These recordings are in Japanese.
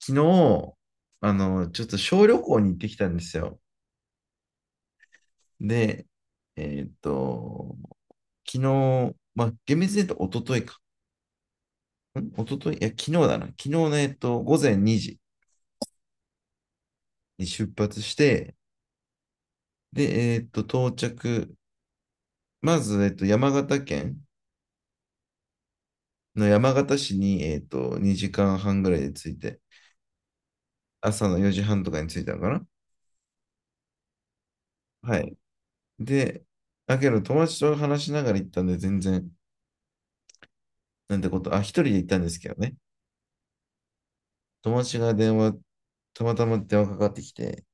昨日、ちょっと小旅行に行ってきたんですよ。で、えーっと、昨日、まあ、厳密に言うと一昨日か。一昨日、いや、昨日だな。昨日の、午前2時に出発して、で、到着。まず、山形県の山形市に、2時間半ぐらいで着いて、朝の4時半とかに着いたのかな。はい。で、だけど、友達と話しながら行ったんで、全然、なんてこと、あ、一人で行ったんですけどね。友達が電話、たまたま電話かかってきて、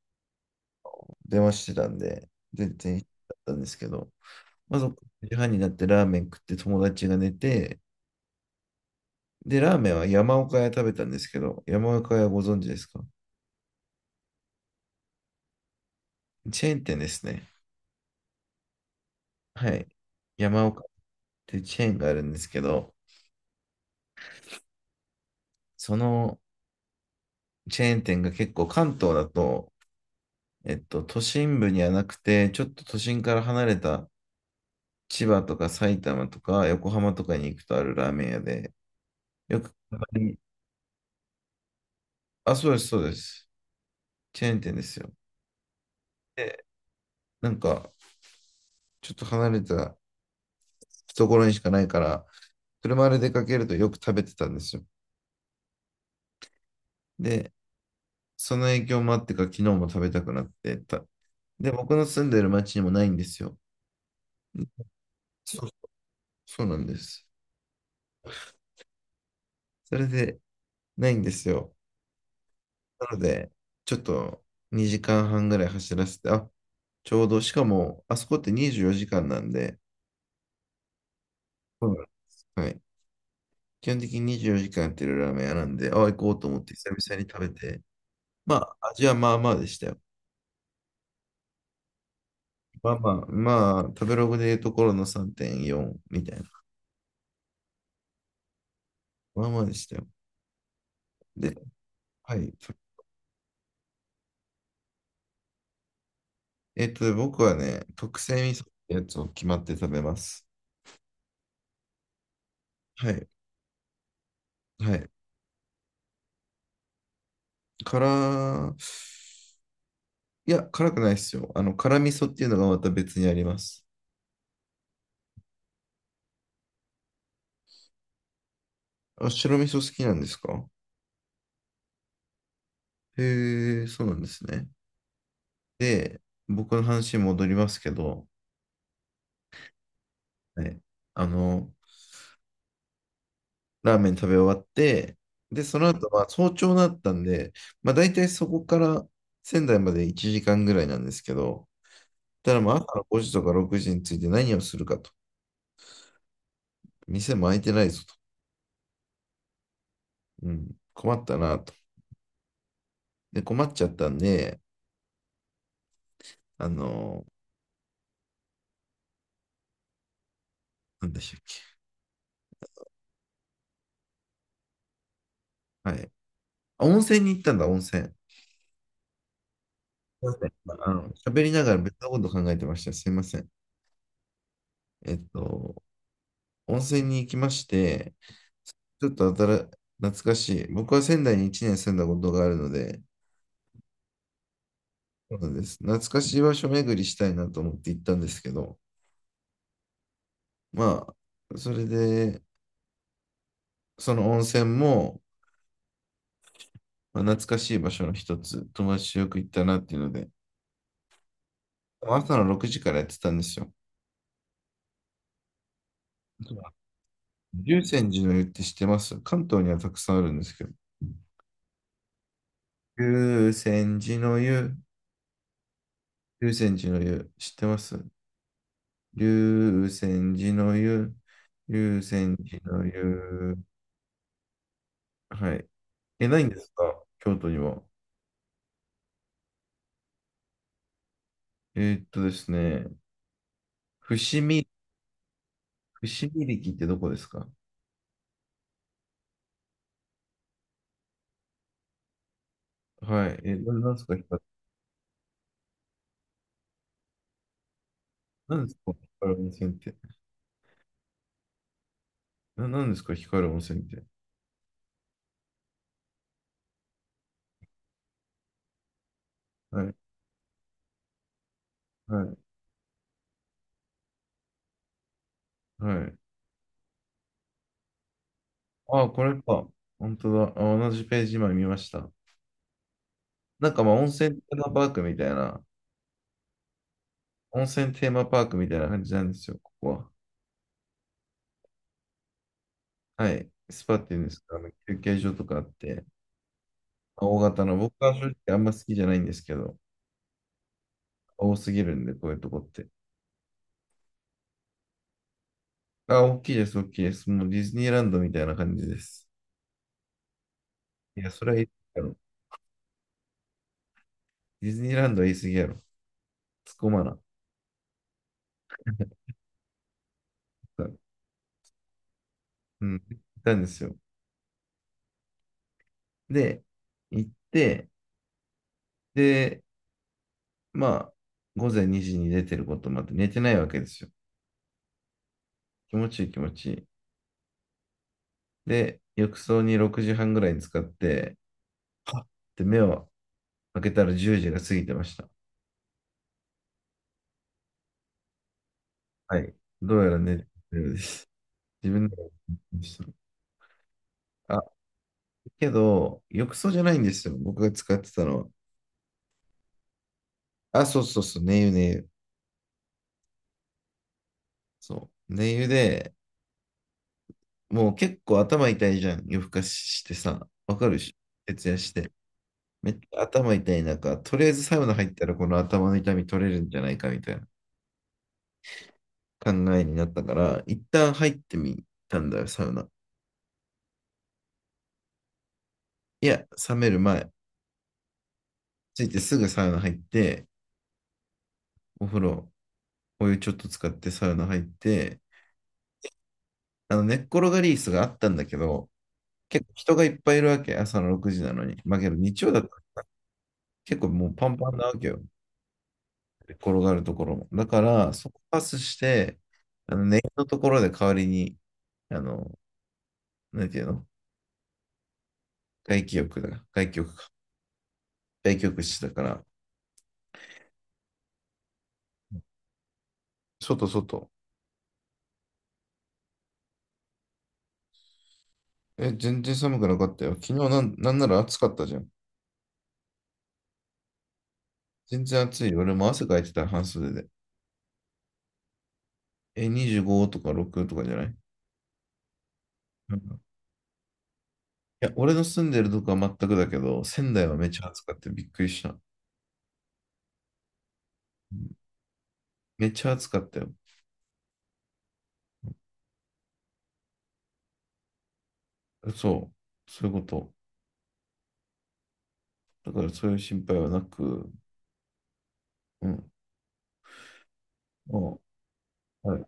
電話してたんで、全然だったんですけど、まず9時半になってラーメン食って友達が寝て、で、ラーメンは山岡屋食べたんですけど、山岡屋ご存知ですか？チェーン店ですね。はい。山岡っていうチェーンがあるんですけど、そのチェーン店が結構関東だと、都心部にはなくて、ちょっと都心から離れた千葉とか埼玉とか横浜とかに行くとあるラーメン屋で、よくあ、そうです、そうです。チェーン店ですよ。で、なんか、ちょっと離れたところにしかないから、車で出かけるとよく食べてたんですよ。で、その影響もあってか、昨日も食べたくなってた。で、僕の住んでる町にもないんですよ。そう、そうなんです。それで、ないんですよ。なので、ちょっと2時間半ぐらい走らせて、あ、ちょうど、しかも、あそこって24時間なんで、そうなんです。はい。基本的に24時間やってるラーメン屋なんで、あ、行こうと思って久々に食べて、まあ、味はまあまあでしたよ。まあまあ、まあ、食べログでいうところの3.4みたいな。まあまあでしたよ。で、はい。僕はね、特製味噌ってやつを決まって食べます。はい。はい。辛、いや、辛くないですよ。辛味噌っていうのがまた別にあります。あ、白味噌好きなんですか？へえ、そうなんですね。で、僕の話に戻りますけど、はい。あの、ラーメン食べ終わって、で、その後、まあ、早朝だったんで、まあ、大体そこから仙台まで1時間ぐらいなんですけど、ただまあ、朝の5時とか6時について何をするかと。店も開いてないぞと。うん、困ったなと。で、困っちゃったんで、あのなんでしたっけ？はい。あ、温泉に行ったんだ、温泉。すいません。まあ喋りながら別のこと考えてました。すいません。えっと、温泉に行きまして、ちょっと新、懐かしい。僕は仙台に1年住んだことがあるので、そうなんです。懐かしい場所巡りしたいなと思って行ったんですけど、まあ、それで、その温泉も、まあ、懐かしい場所の一つ、友達とよく行ったなっていうので、朝の6時からやってたんですよ。竜泉寺の湯って知ってます？関東にはたくさんあるんですけど。竜泉寺の湯、竜泉寺の湯、知ってます？竜泉寺の湯、竜泉寺の湯。はい。え、ないんですか？京都には。ですね、伏見串切りってどこですか？はい。え、なんですか、光る、なんですか、光る温泉って？なんですか、光る温泉って？はい。はい。はい。ああ、これか。本当だ。あ、同じページ今見ました。なんかまあ、温泉テーマパークみたいな感じなんですよ、ここは。はい。スパっていうんですか？あの休憩所とかあって、まあ大型の、僕は正直あんま好きじゃないんですけど、多すぎるんで、こういうとこって。あ、大きいです、大きいです。もうディズニーランドみたいな感じです。いや、それはいい。ディズニーランドは言い過ぎやろ。突っ込まな。うん。行ったんですよ。で、行って、で、まあ、午前2時に出てることもあって、寝てないわけですよ。気持ちいい気持ちいい。で、浴槽に6時半ぐらいに使って、はっって目を開けたら10時が過ぎてました。はい。どうやら寝てるようです。自分で寝てたあ、けど、浴槽じゃないんですよ。僕が使ってたのは。あ、そうそうそう、寝湯寝湯。そう。寝湯で、もう結構頭痛いじゃん。夜更かししてさ、わかるし、徹夜して。めっちゃ頭痛い中、とりあえずサウナ入ったらこの頭の痛み取れるんじゃないかみたいな考えになったから、一旦入ってみたんだよ、サウナ。いや、冷める前、ついてすぐサウナ入って、お風呂、お湯ちょっと使ってサウナ入って、寝っ転がり椅子があったんだけど、結構人がいっぱいいるわけ、朝の6時なのに。まあけど日曜だったら結構もうパンパンなわけよ。転がるところも。だから、そこパスして、ネットのところで代わりに、あの、なんていうの？外気浴だ。外気浴か。外気浴室だから、外外。え、全然寒くなかったよ。昨日なん、なんなら暑かったじゃん。全然暑いよ。俺も汗かいてた、半袖で。え、25とか6とかじゃない？うん、いや、俺の住んでるとこは全くだけど、仙台はめっちゃ暑かった。びっくりした。うん、めっちゃ暑かったよ。そう。そういうこと。だからそういう心配はなく、うん。ああ、はい。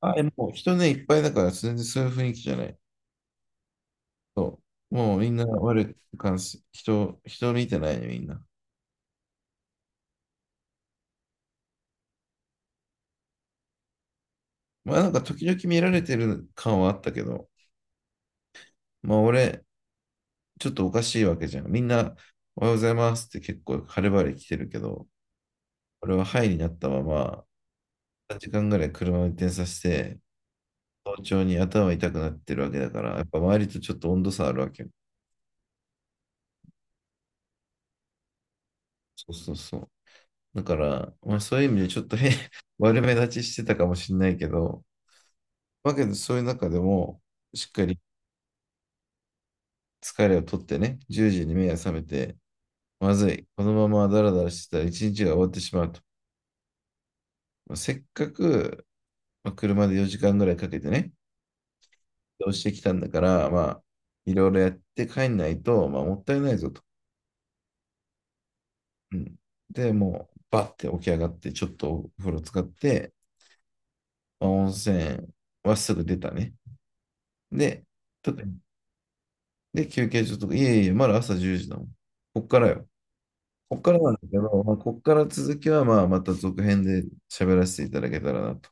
あ、え、もう人ね、いっぱいだから、全然そういう雰囲気じゃない。そう。もうみんな悪い感じ、人見てないね、みんな。まあなんか時々見られてる感はあったけど、まあ俺、ちょっとおかしいわけじゃん。みんな、おはようございますって結構晴れ晴れ来てるけど、俺ははいになったまま、3時間ぐらい車を運転させて、早朝に頭痛くなってるわけだから、やっぱ周りとちょっと温度差あるわけよ。そうそうそう。だから、まあそういう意味でちょっと悪目立ちしてたかもしれないけど、わけで、そういう中でも、しっかり疲れを取ってね、10時に目が覚めて、まずい、このままダラダラしてたら一日が終わってしまうと。まあせっかく、まあ車で4時間ぐらいかけてね、移動してきたんだから、まあ、いろいろやって帰んないと、まあ、もったいないぞと。うん。で、もう、バッて起き上がって、ちょっとお風呂使って、まあ温泉はすぐ出たね。で、ちょっとで、休憩所とか、いえいえ、まだ朝10時だもん。こっからよ。こっからなんだけど、まあ、こっから続きはまあまた続編で喋らせていただけたらなと